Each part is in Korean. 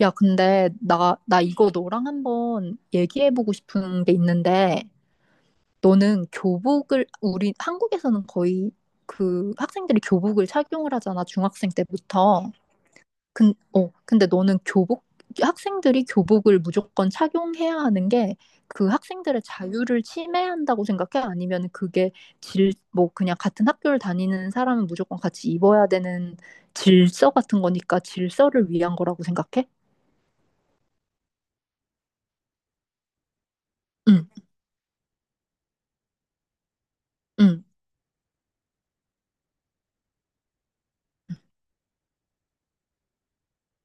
야, 근데 나 이거 너랑 한번 얘기해보고 싶은 게 있는데, 너는 교복을, 우리 한국에서는 거의 그 학생들이 교복을 착용을 하잖아, 중학생 때부터. 근데 너는 교복, 학생들이 교복을 무조건 착용해야 하는 게 그 학생들의 자유를 침해한다고 생각해? 아니면 그게 뭐 그냥 같은 학교를 다니는 사람은 무조건 같이 입어야 되는 질서 같은 거니까 질서를 위한 거라고 생각해? 응, 응.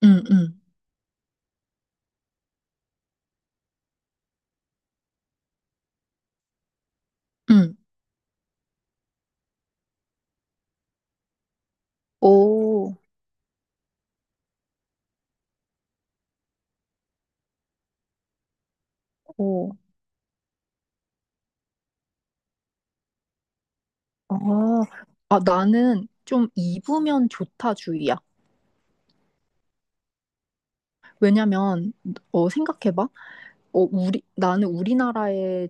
응, 응, 응. 오, 오, 아, 아, 나는 좀 입으면 좋다 주의야. 왜냐면, 생각해봐. 어, 우리, 나는 우리나라의,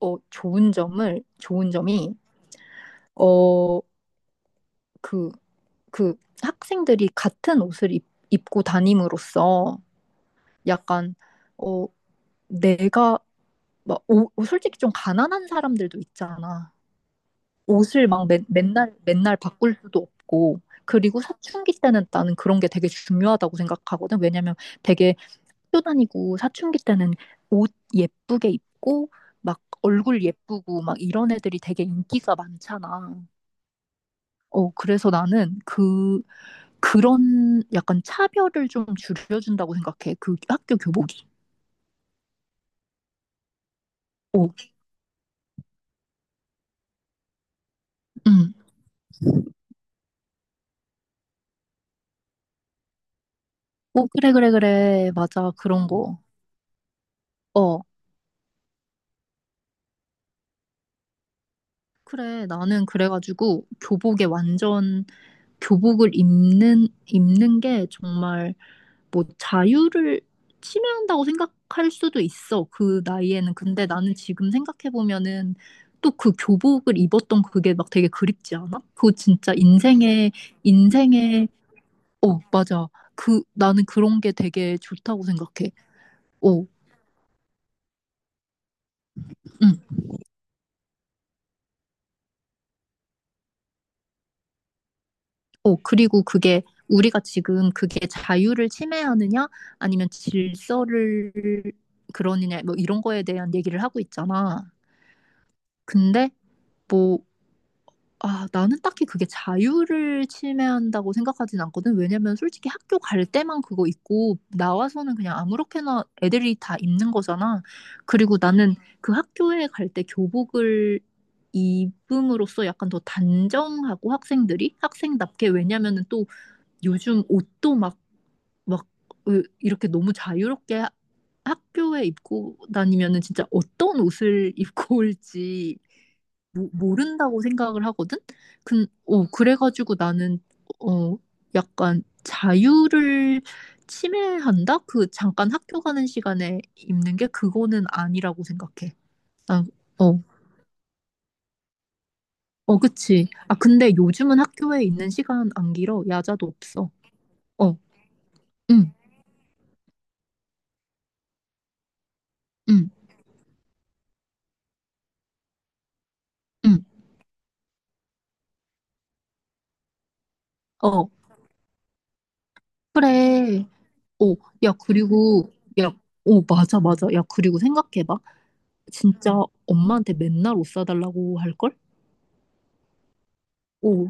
어, 좋은 점을, 좋은 점이, 어, 그, 그 학생들이 같은 옷을 입고 다님으로써 약간, 어, 내가, 막, 오, 솔직히 좀 가난한 사람들도 있잖아. 옷을 막 맨날 맨날 바꿀 수도 없고, 그리고 사춘기 때는 나는 그런 게 되게 중요하다고 생각하거든. 왜냐면 되게 학교 다니고 사춘기 때는 옷 예쁘게 입고 막 얼굴 예쁘고 막 이런 애들이 되게 인기가 많잖아. 어, 그래서 나는 그 그런 약간 차별을 좀 줄여준다고 생각해. 그 학교 교복이. 어, 응. 어, 그래, 그래, 그래. 맞아. 그런 거. 어. 그래, 나는 그래가지고 교복에 완전 교복을 입는 게 정말 뭐 자유를 침해한다고 생각할 수도 있어. 그 나이에는. 근데 나는 지금 생각해 보면은 또 그 교복을 입었던 그게 막 되게 그립지 않아? 그거 진짜 인생의 인생의 어, 맞아. 그 나는 그런 게 되게 좋다고 생각해. 어, 응. 어, 그리고 그게 우리가 지금 그게 자유를 침해하느냐, 아니면 질서를 그러느냐, 뭐 이런 거에 대한 얘기를 하고 있잖아. 근데 뭐, 아, 나는 딱히 그게 자유를 침해한다고 생각하진 않거든. 왜냐면 솔직히 학교 갈 때만 그거 입고 나와서는 그냥 아무렇게나 애들이 다 입는 거잖아. 그리고 나는 그 학교에 갈 때 교복을 입음으로써 약간 더 단정하고 학생들이 학생답게, 왜냐면은 또 요즘 옷도 막, 막, 으, 이렇게 너무 자유롭게 학교에 입고 다니면은 진짜 어떤 옷을 입고 올지 모른다고 생각을 하거든? 그래가지고 나는, 어, 약간 자유를 침해한다? 그 잠깐 학교 가는 시간에 입는 게 그거는 아니라고 생각해. 난, 어, 어, 그치. 아, 근데 요즘은 학교에 있는 시간 안 길어. 야자도 없어. 어, 응, 응, 응. 어. 그래. 어, 야, 그리고, 야, 어, 맞아, 맞아. 야, 그리고 생각해봐. 진짜 엄마한테 맨날 옷 사달라고 할걸? 어,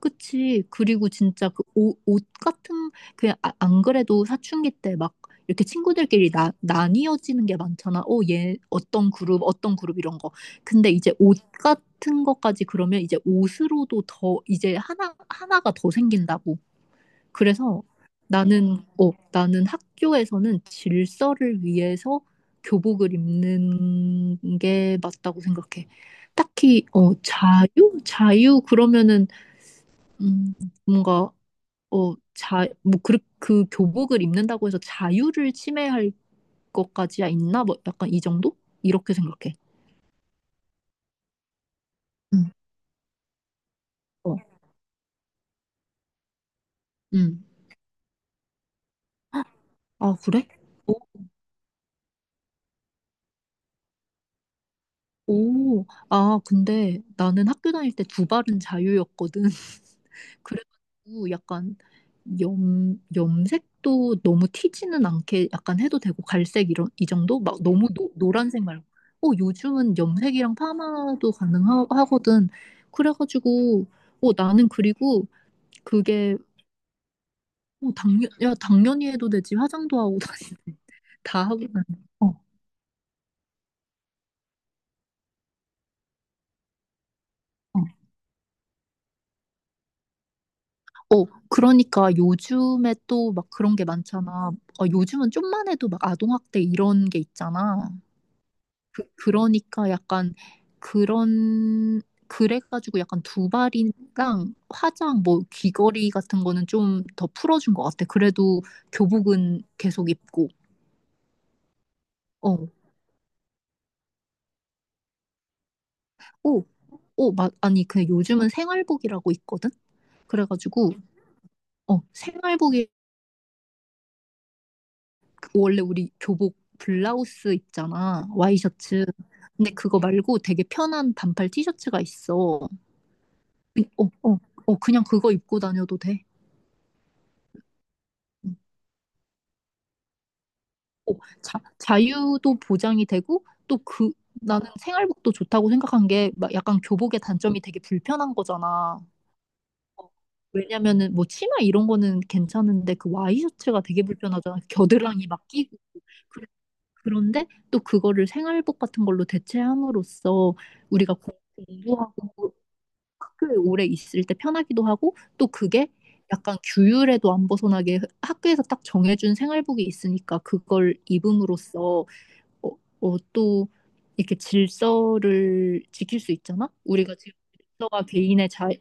그치. 그리고 진짜 그 옷, 옷 같은, 그냥 안 그래도 사춘기 때 막 이렇게 친구들끼리 나뉘어지는 게 많잖아. 어, 얘 어떤 그룹, 어떤 그룹 이런 거. 근데 이제 옷 같은 것까지 그러면 이제 옷으로도 더, 이제 하나, 하나가 더 생긴다고. 그래서 나는, 어, 나는 학교에서는 질서를 위해서 교복을 입는 게 맞다고 생각해. 딱히, 어, 자유? 자유? 그러면은, 음, 뭔가, 어, 자, 뭐, 그, 그 교복을 입는다고 해서 자유를 침해할 것까지야 있나? 뭐, 약간 이 정도? 이렇게 생각해. 응, 어, 응. 아, 그래? 오, 아, 근데 나는 학교 다닐 때 두 발은 자유였거든. 그래가지고 약간 염색도 너무 튀지는 않게 약간 해도 되고 갈색 이런 이 정도? 막 너무 노란색 말고. 어, 요즘은 염색이랑 파마도 가능하거든. 그래가지고 어, 나는 그리고 그게 어, 당연, 야, 당연히 해도 되지. 화장도 하고 다니네. 다 하고 다니. 어, 어. 어, 그러니까 요즘에 또 막 그런 게 많잖아. 어, 요즘은 좀만 해도 막 아동학대 이런 게 있잖아. 그, 그러니까 약간 그런, 그래가지고 약간 두발이랑 화장, 뭐 귀걸이 같은 거는 좀 더 풀어준 것 같아. 그래도 교복은 계속 입고. 어, 어, 어, 막, 아니, 그 요즘은 생활복이라고 있거든? 그래가지고, 어, 생활복 원래 우리 교복 블라우스 있잖아. 와이셔츠. 근데 그거 말고 되게 편한 반팔 티셔츠가 있어. 어, 어, 어, 그냥 그거 입고 다녀도 돼. 음. 어, 자, 자유도 보장이 되고 또 그, 나는 생활복도 좋다고 생각한 게 막 약간 교복의 단점이 되게 불편한 거잖아. 어, 왜냐면은 뭐 치마 이런 거는 괜찮은데 그 와이셔츠가 되게 불편하잖아. 겨드랑이 막 끼고. 그런데 또 그거를 생활복 같은 걸로 대체함으로써 우리가 공부하고 학교에 오래 있을 때 편하기도 하고, 또 그게 약간 규율에도 안 벗어나게 학교에서 딱 정해준 생활복이 있으니까 그걸 입음으로써 어, 어, 또 이렇게 질서를 지킬 수 있잖아? 우리가 지금 질서가 개인의 자유.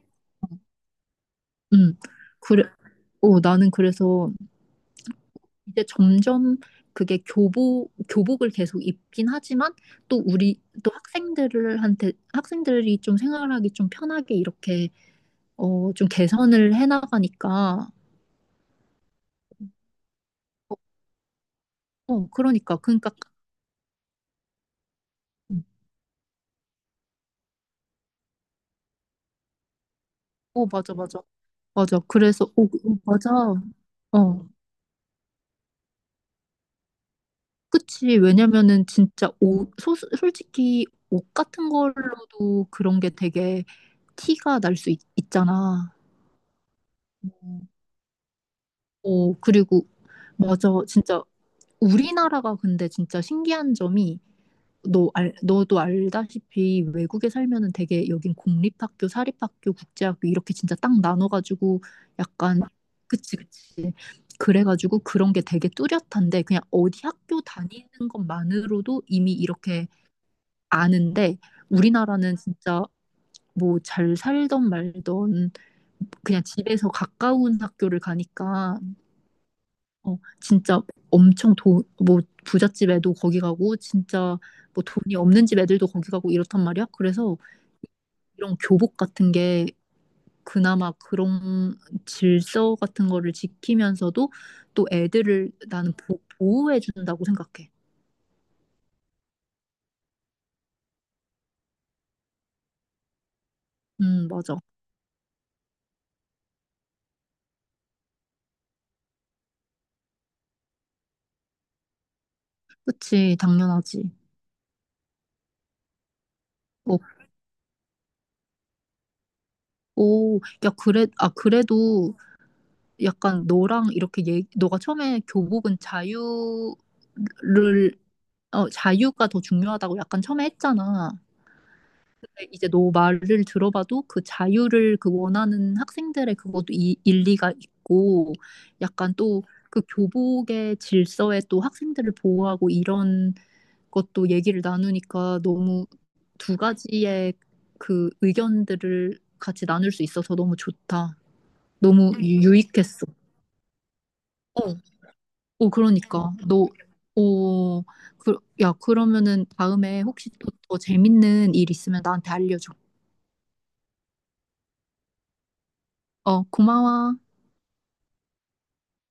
음, 그래. 어, 나는 그래서 이제 점점 그게 교복, 교복을 계속 입긴 하지만 또 우리, 또 학생들한테, 학생들이 좀 생활하기 좀 편하게 이렇게, 어, 좀 개선을 해나가니까, 어, 어, 그러니까, 그러니까, 어, 맞아, 맞아, 맞아. 그래서, 어, 어, 맞아. 어, 그치. 왜냐면은 진짜 옷, 솔직히 옷 같은 걸로도 그런 게 되게 티가 날 수 있잖아. 어, 어, 그리고 맞아. 진짜 우리나라가 근데 진짜 신기한 점이 너 알, 너도 알다시피 외국에 살면은 되게 여긴 공립학교, 사립학교, 국제학교 이렇게 진짜 딱 나눠가지고 약간 그치, 그치, 그래가지고 그런 게 되게 뚜렷한데, 그냥 어디 학교 다니는 것만으로도 이미 이렇게 아는데, 우리나라는 진짜 뭐 잘 살던 말던 그냥 집에서 가까운 학교를 가니까, 어, 진짜 엄청 돈, 뭐 부잣집 애도 거기 가고 진짜 뭐 돈이 없는 집 애들도 거기 가고 이렇단 말이야. 그래서 이런 교복 같은 게 그나마 그런 질서 같은 거를 지키면서도 또 애들을 나는 호해준다고 생각해. 맞아. 그치, 당연하지. 어, 오, 야, 그래, 아, 그래도 약간 너랑 이렇게 얘기, 너가 처음에 교복은 자유를 어, 자유가 더 중요하다고 약간 처음에 했잖아. 이제 너 말을 들어봐도 그 자유를 그 원하는 학생들의 그것도 이, 일리가 있고 약간 또 그 교복의 질서에 또 학생들을 보호하고 이런 것도 얘기를 나누니까 너무 두 가지의 그 의견들을 같이 나눌 수 있어서 너무 좋다. 너무 응, 유익했어. 오, 그러니까 너 오, 그, 야, 그러면은 다음에 혹시 또 더 재밌는 일 있으면 나한테 알려줘. 어, 고마워.